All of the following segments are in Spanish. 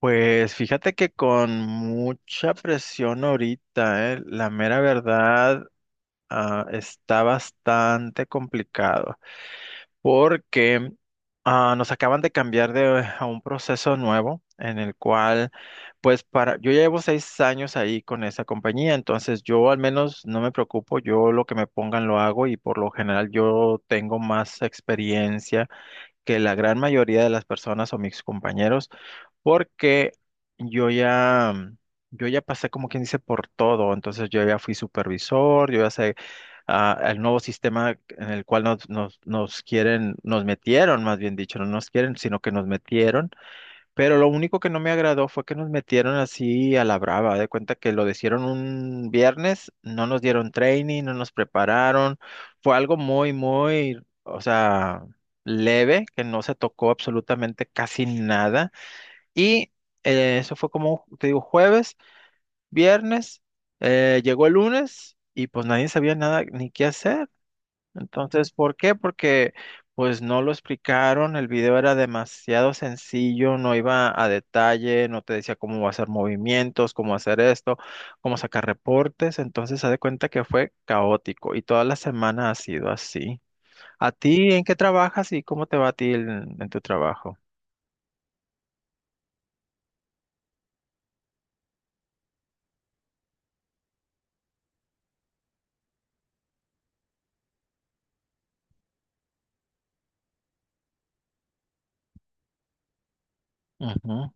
Pues fíjate que con mucha presión ahorita, la mera verdad, está bastante complicado porque nos acaban de cambiar de, a un proceso nuevo en el cual, pues para, yo ya llevo 6 años ahí con esa compañía, entonces yo al menos no me preocupo, yo lo que me pongan lo hago y por lo general yo tengo más experiencia que la gran mayoría de las personas o mis compañeros, porque yo ya, mm, yo ya pasé como quien dice por todo, entonces yo ya fui supervisor, yo ya sé el nuevo sistema en el cual nos quieren, nos metieron, más bien dicho, no nos quieren, sino que nos metieron. Pero lo único que no me agradó fue que nos metieron así a la brava. De cuenta que lo hicieron un viernes, no nos dieron training, no nos prepararon. Fue algo muy, muy, o sea, leve, que no se tocó absolutamente casi nada. Y eso fue como, te digo, jueves, viernes, llegó el lunes y pues nadie sabía nada ni qué hacer. Entonces, ¿por qué? Porque pues no lo explicaron, el video era demasiado sencillo, no iba a detalle, no te decía cómo hacer movimientos, cómo hacer esto, cómo sacar reportes, entonces se de cuenta que fue caótico y toda la semana ha sido así. ¿A ti en qué trabajas y cómo te va a ti en tu trabajo? Ujú.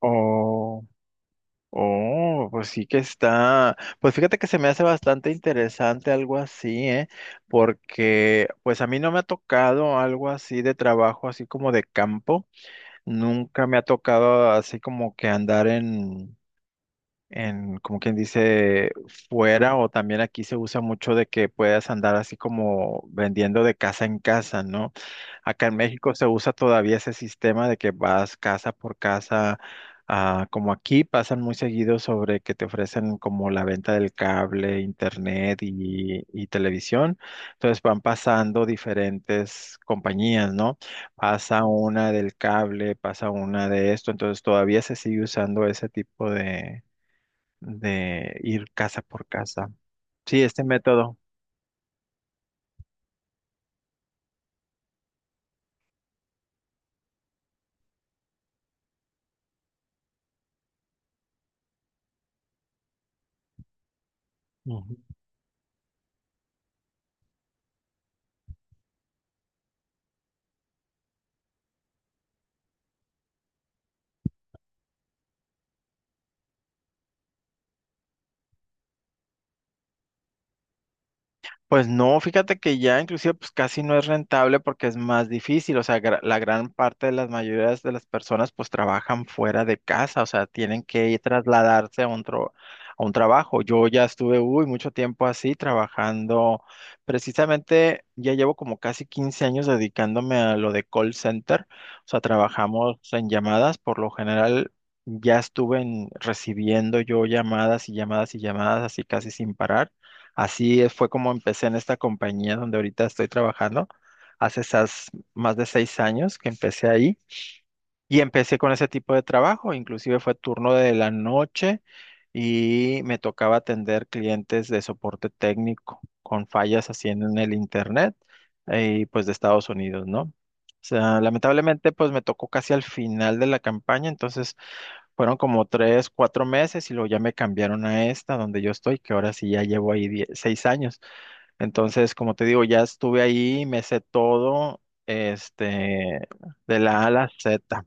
Oh. Oh, pues sí que está. Pues fíjate que se me hace bastante interesante algo así, ¿eh? Porque pues a mí no me ha tocado algo así de trabajo, así como de campo. Nunca me ha tocado así como que andar en como quien dice, fuera o también aquí se usa mucho de que puedas andar así como vendiendo de casa en casa, ¿no? Acá en México se usa todavía ese sistema de que vas casa por casa, como aquí pasan muy seguido sobre que te ofrecen como la venta del cable, internet y televisión. Entonces van pasando diferentes compañías, ¿no? Pasa una del cable, pasa una de esto, entonces todavía se sigue usando ese tipo de ir casa por casa. Sí, este método. Ujú. Pues no, fíjate que ya inclusive pues casi no es rentable porque es más difícil, o sea, la gran parte de las mayorías de las personas pues trabajan fuera de casa, o sea, tienen que ir trasladarse a un trabajo. Yo ya estuve, uy, mucho tiempo así trabajando, precisamente ya llevo como casi 15 años dedicándome a lo de call center, o sea, trabajamos en llamadas, por lo general ya estuve recibiendo yo llamadas y llamadas y llamadas así casi sin parar. Así fue como empecé en esta compañía donde ahorita estoy trabajando. Hace esas más de 6 años que empecé ahí. Y empecé con ese tipo de trabajo, inclusive fue turno de la noche y me tocaba atender clientes de soporte técnico con fallas así en el internet y pues de Estados Unidos, ¿no? O sea, lamentablemente pues me tocó casi al final de la campaña, entonces fueron como 3, 4 meses y luego ya me cambiaron a esta donde yo estoy, que ahora sí ya llevo ahí 6 años. Entonces, como te digo, ya estuve ahí, me sé todo, este, de la A a la Z.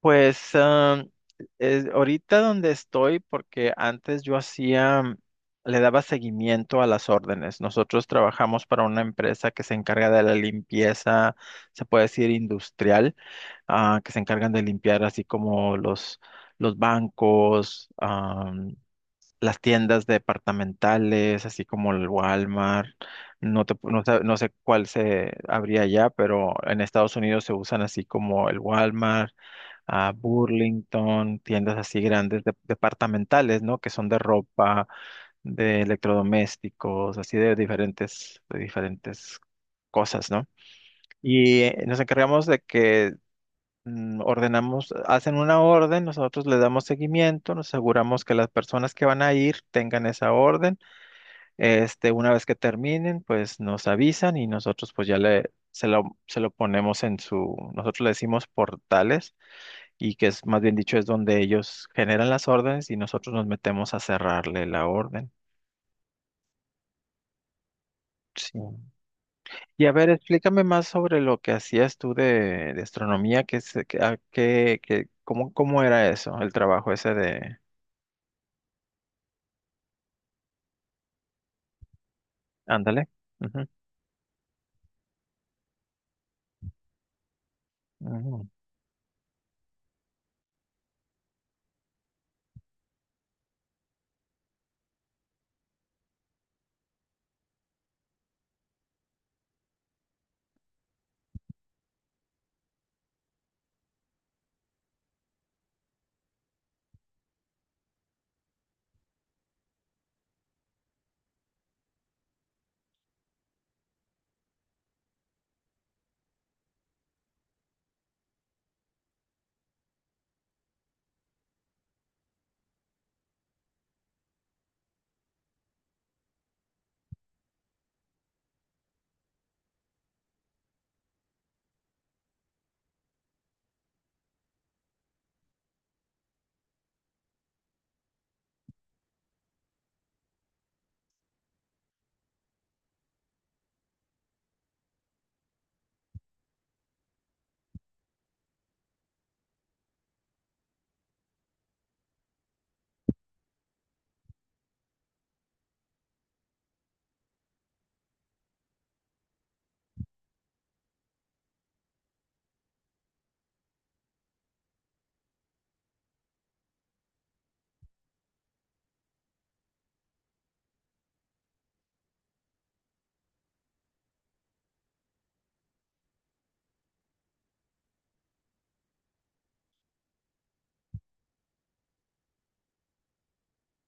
Pues ahorita donde estoy, porque antes yo hacía, le daba seguimiento a las órdenes. Nosotros trabajamos para una empresa que se encarga de la limpieza, se puede decir industrial, que se encargan de limpiar así como los bancos, las tiendas departamentales, así como el Walmart. No, te pu- no, sab- no sé cuál se habría allá, pero en Estados Unidos se usan así como el Walmart, a Burlington, tiendas así grandes departamentales, ¿no? Que son de ropa, de electrodomésticos, así de diferentes cosas, ¿no? Y nos encargamos de que ordenamos, hacen una orden, nosotros le damos seguimiento, nos aseguramos que las personas que van a ir tengan esa orden. Este, una vez que terminen, pues nos avisan y nosotros pues ya le se lo ponemos en su, nosotros le decimos portales y que es más bien dicho es donde ellos generan las órdenes y nosotros nos metemos a cerrarle la orden. Sí. Y a ver, explícame más sobre lo que hacías tú de astronomía, que, se- que, a- que- que- cómo, cómo era eso, el trabajo ese de, ándale. Ujú, ujú.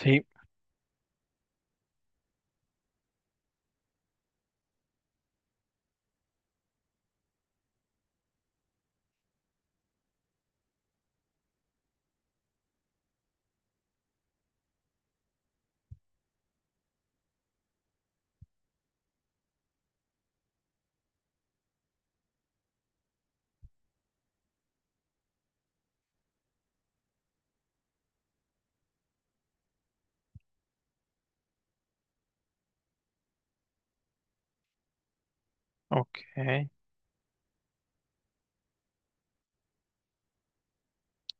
Sí, ok.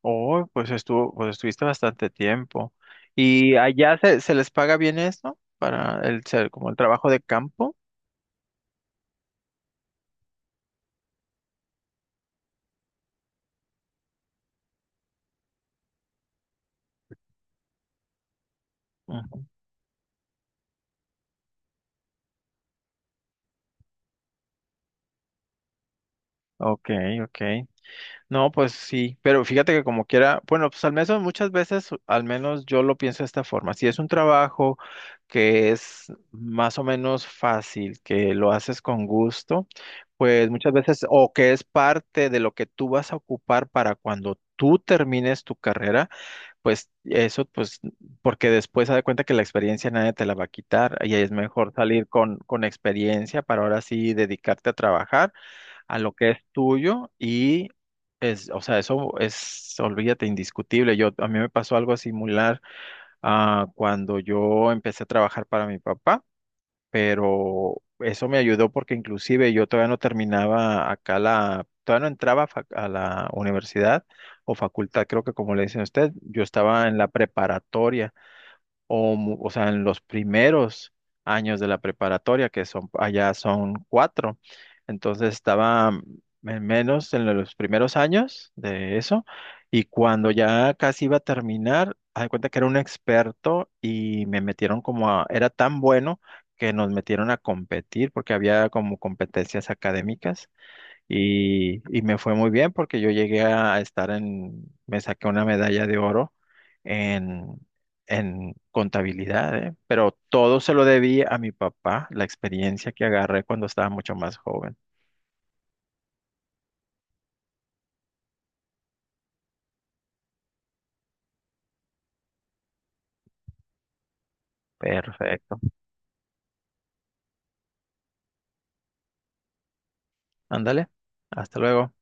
Oh, pues estuvo, pues estuviste bastante tiempo. ¿Y allá se, se les paga bien esto para el ser como el trabajo de campo? Ujú. Ok, ok. No, pues sí, pero fíjate que como quiera, bueno, pues al menos muchas veces, al menos yo lo pienso de esta forma, si es un trabajo que es más o menos fácil, que lo haces con gusto, pues muchas veces, o que es parte de lo que tú vas a ocupar para cuando tú termines tu carrera, pues eso, pues, porque después se da cuenta que la experiencia nadie te la va a quitar y es mejor salir con experiencia para ahora sí dedicarte a trabajar a lo que es tuyo y es, o sea, eso es, olvídate, indiscutible. Yo, a mí me pasó algo similar cuando yo empecé a trabajar para mi papá, pero eso me ayudó porque inclusive yo todavía no terminaba acá la, todavía no entraba a a la universidad o facultad, creo que como le dicen a usted, yo estaba en la preparatoria o, o sea, en los primeros años de la preparatoria, que son allá son cuatro. Entonces estaba en menos en los primeros años de eso, y cuando ya casi iba a terminar, haz de cuenta que era un experto y me metieron como a, era tan bueno que nos metieron a competir porque había como competencias académicas y me fue muy bien porque yo llegué a estar en, me saqué una medalla de oro en, en contabilidad, ¿eh? Pero todo se lo debí a mi papá, la experiencia que agarré cuando estaba mucho más joven. Perfecto. Ándale. Hasta luego.